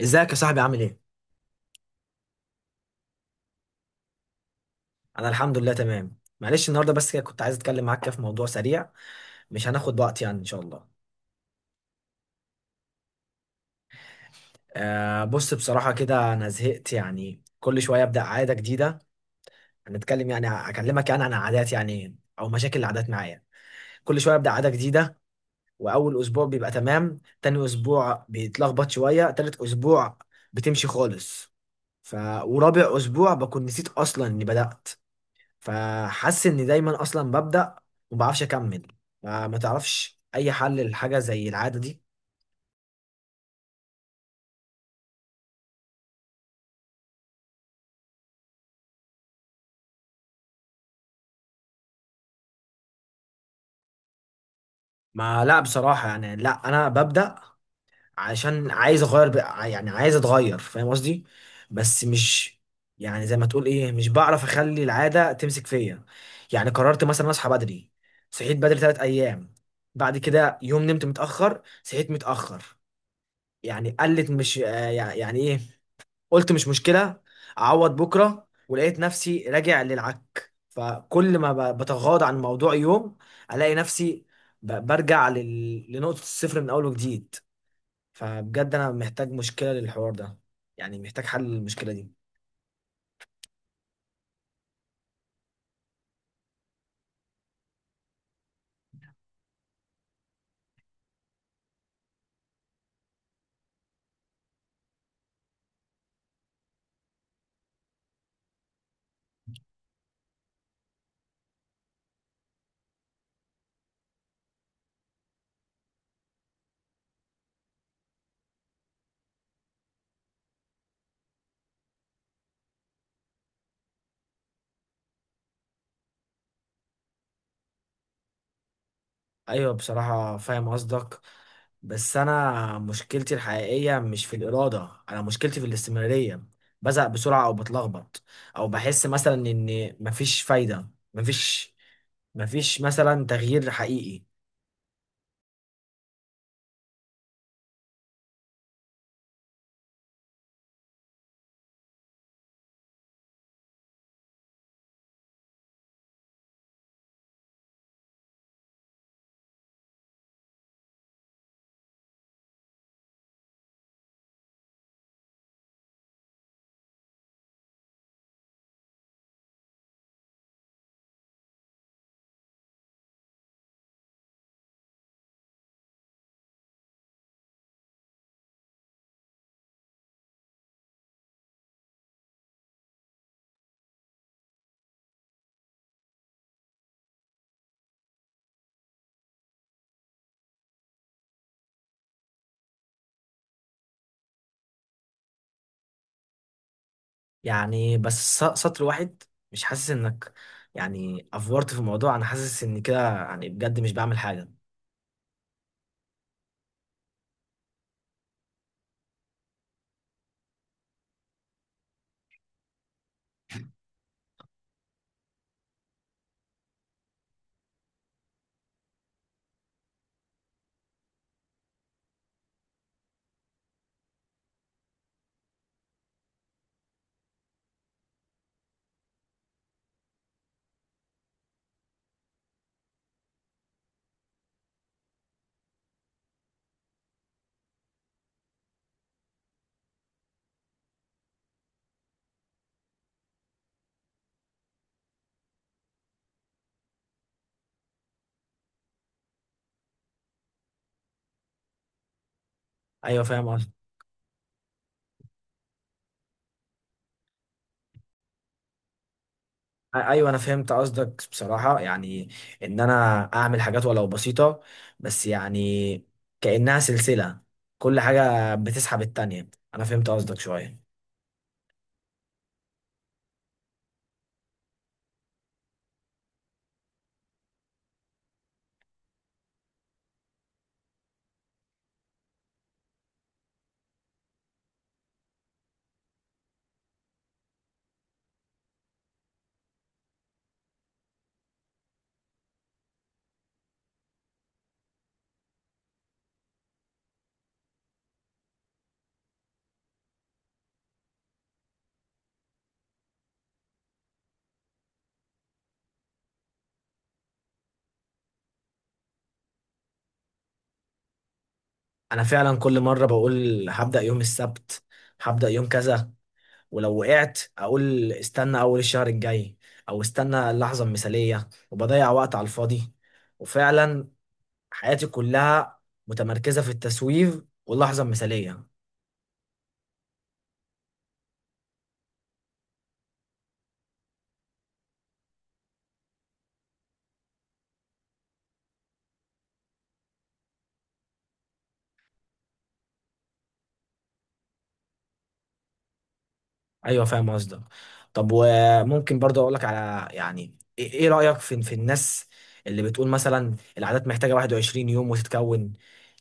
ازيك يا صاحبي؟ عامل ايه؟ انا الحمد لله تمام. معلش النهارده بس كده كنت عايز اتكلم معاك كده في موضوع سريع، مش هناخد وقت يعني ان شاء الله. آه، بص بصراحه كده انا زهقت، يعني كل شويه ابدا عاده جديده. هنتكلم يعني اكلمك يعني عن عادات، يعني او مشاكل العادات معايا. كل شويه ابدا عاده جديده، واول اسبوع بيبقى تمام، تاني اسبوع بيتلخبط شويه، تالت اسبوع بتمشي خالص، ف ورابع اسبوع بكون نسيت اصلا اني بدات. فحاسس اني دايما اصلا ببدأ وما بعرفش اكمل. ما تعرفش اي حل للحاجة زي العادة دي؟ ما لا بصراحة، يعني لا انا ببدأ عشان عايز اغير يعني عايز اتغير، فاهم قصدي؟ بس مش، يعني زي ما تقول ايه، مش بعرف اخلي العادة تمسك فيا. يعني قررت مثلا اصحى بدري، صحيت بدري ثلاث ايام، بعد كده يوم نمت متأخر صحيت متأخر. يعني قلت مش، يعني ايه، قلت مش مشكلة، أعوض بكرة. ولقيت نفسي راجع للعك. فكل ما بتغاضى عن الموضوع يوم، ألاقي نفسي برجع لنقطة الصفر من أول وجديد. فبجد أنا محتاج مشكلة للحوار ده، يعني محتاج حل للمشكلة دي. ايوه، بصراحة فاهم قصدك. بس انا مشكلتي الحقيقية مش في الإرادة، انا مشكلتي في الاستمرارية. بزهق بسرعة او بتلخبط، او بحس مثلا ان مفيش فايدة، مفيش مثلا تغيير حقيقي. يعني بس سطر واحد؟ مش حاسس انك، يعني افورت في الموضوع. انا حاسس ان كده يعني بجد مش بعمل حاجة. ايوه فاهم. ايوه انا فهمت قصدك بصراحه، يعني ان انا اعمل حاجات ولو بسيطه، بس يعني كانها سلسله، كل حاجه بتسحب التانية. انا فهمت قصدك شويه. انا فعلا كل مره بقول هبدا يوم السبت، هبدا يوم كذا، ولو وقعت اقول استنى اول الشهر الجاي، او استنى اللحظه المثاليه وبضيع وقت على الفاضي. وفعلا حياتي كلها متمركزه في التسويف واللحظه المثاليه. ايوه فاهم قصدك. طب وممكن برضه اقول لك على يعني ايه، إيه رايك في الناس اللي بتقول مثلا العادات محتاجه 21 يوم وتتكون؟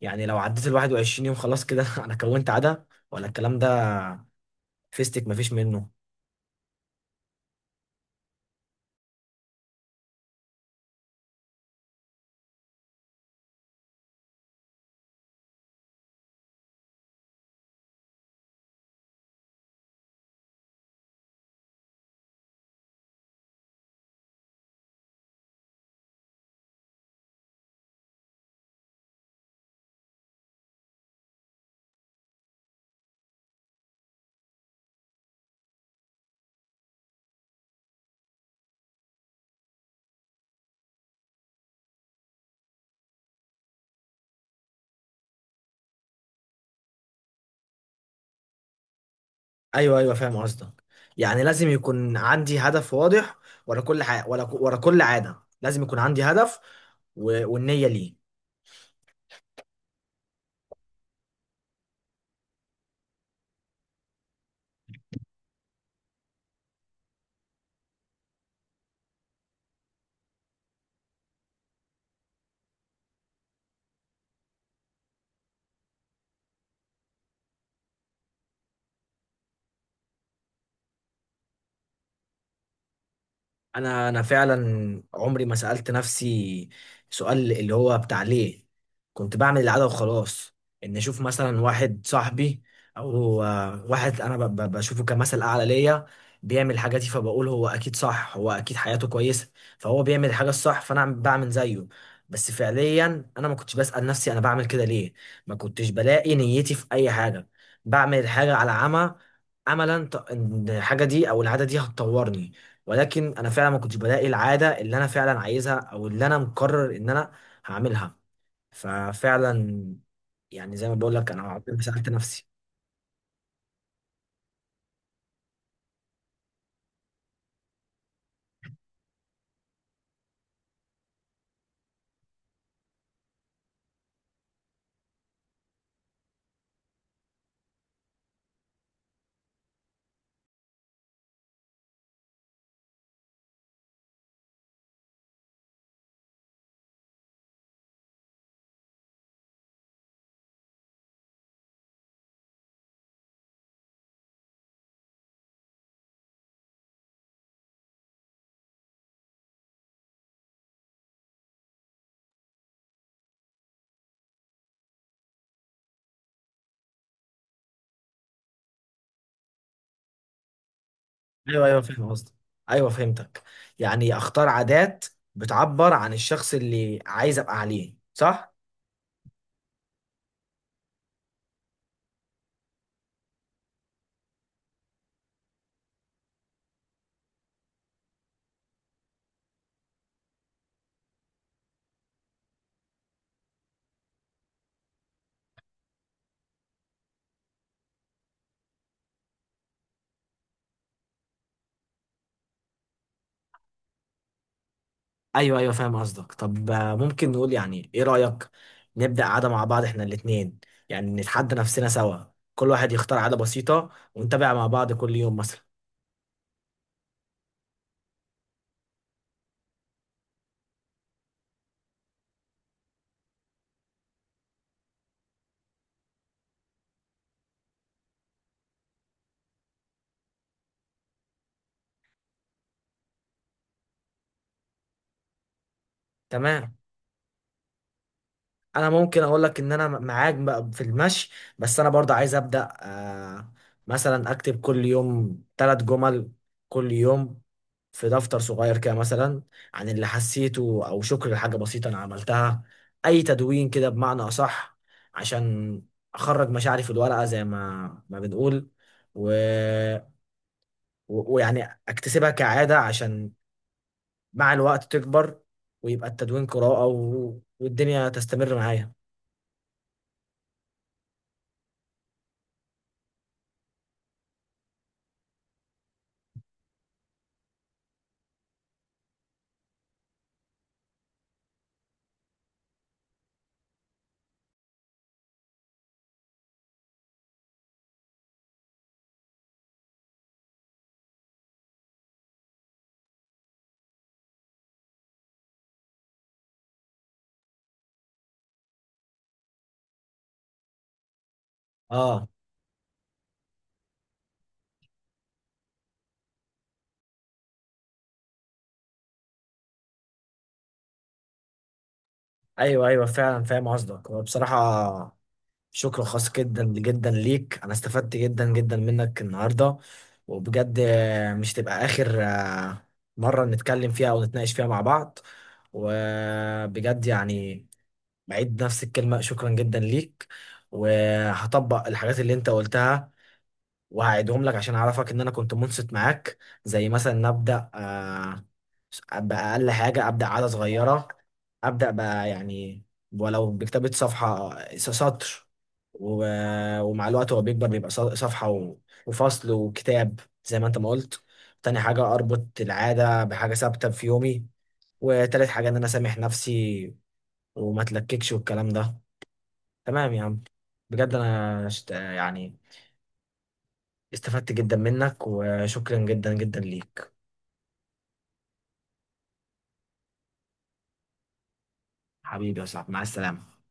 يعني لو عديت ال 21 يوم خلاص كده انا كونت عاده، ولا الكلام ده فيستك مفيش منه؟ ايوه ايوه فاهم قصدك. يعني لازم يكون عندي هدف واضح ورا كل حاجه، ورا كل عاده لازم يكون عندي هدف والنيه ليه. انا فعلا عمري ما سألت نفسي سؤال اللي هو بتاع ليه، كنت بعمل العادة وخلاص. ان اشوف مثلا واحد صاحبي، او واحد انا بشوفه كمثل اعلى ليا، بيعمل حاجاتي فبقول هو اكيد صح، هو اكيد حياته كويسة، فهو بيعمل الحاجة الصح، فانا بعمل زيه. بس فعليا انا ما كنتش بسأل نفسي انا بعمل كده ليه، ما كنتش بلاقي نيتي في اي حاجة، بعمل الحاجة على عمى، املا ان الحاجة دي او العادة دي هتطورني. ولكن انا فعلا ما كنتش بلاقي العاده اللي انا فعلا عايزها او اللي انا مقرر ان انا هعملها. ففعلا يعني زي ما بقول لك انا عمري ما سالت نفسي. ايوه ايوه فاهم قصدي. ايوه فهمتك. يعني اختار عادات بتعبر عن الشخص اللي عايز ابقى عليه، صح؟ ايوه ايوه فاهم قصدك. طب ممكن نقول يعني، ايه رايك نبدا عاده مع بعض احنا الاثنين؟ يعني نتحدى نفسنا سوا، كل واحد يختار عاده بسيطه ونتابع مع بعض كل يوم مثلا. تمام. انا ممكن اقول لك ان انا معاك بقى في المشي، بس انا برضه عايز ابدا مثلا اكتب كل يوم ثلاث جمل، كل يوم في دفتر صغير كده مثلا، عن اللي حسيته او شكر لحاجه بسيطه انا عملتها. اي تدوين كده بمعنى اصح، عشان اخرج مشاعري في الورقه زي ما بنقول، و... ويعني اكتسبها كعاده عشان مع الوقت تكبر، ويبقى التدوين قراءه والدنيا تستمر معايا. اه. ايوه ايوه فعلا فاهم قصدك. وبصراحه شكر خاص جدا جدا ليك، انا استفدت جدا جدا منك النهارده. وبجد مش تبقى اخر مره نتكلم فيها او نتناقش فيها مع بعض. وبجد يعني بعيد نفس الكلمه، شكرا جدا ليك. وهطبق الحاجات اللي انت قلتها، وهعيدهم لك عشان اعرفك ان انا كنت منصت معاك. زي مثلا نبدا بأقل حاجة، أبدأ عادة صغيرة، أبدأ بقى يعني ولو بكتابة صفحة سطر، ومع الوقت هو بيكبر، بيبقى صفحة وفصل وكتاب زي ما أنت ما قلت. تاني حاجة أربط العادة بحاجة ثابتة في يومي. وتالت حاجة إن أنا أسامح نفسي وما أتلككش والكلام ده. تمام يا عم، بجد أنا يعني استفدت جدا منك، وشكرا جدا جدا ليك. حبيبي يا صاحبي، مع السلامة.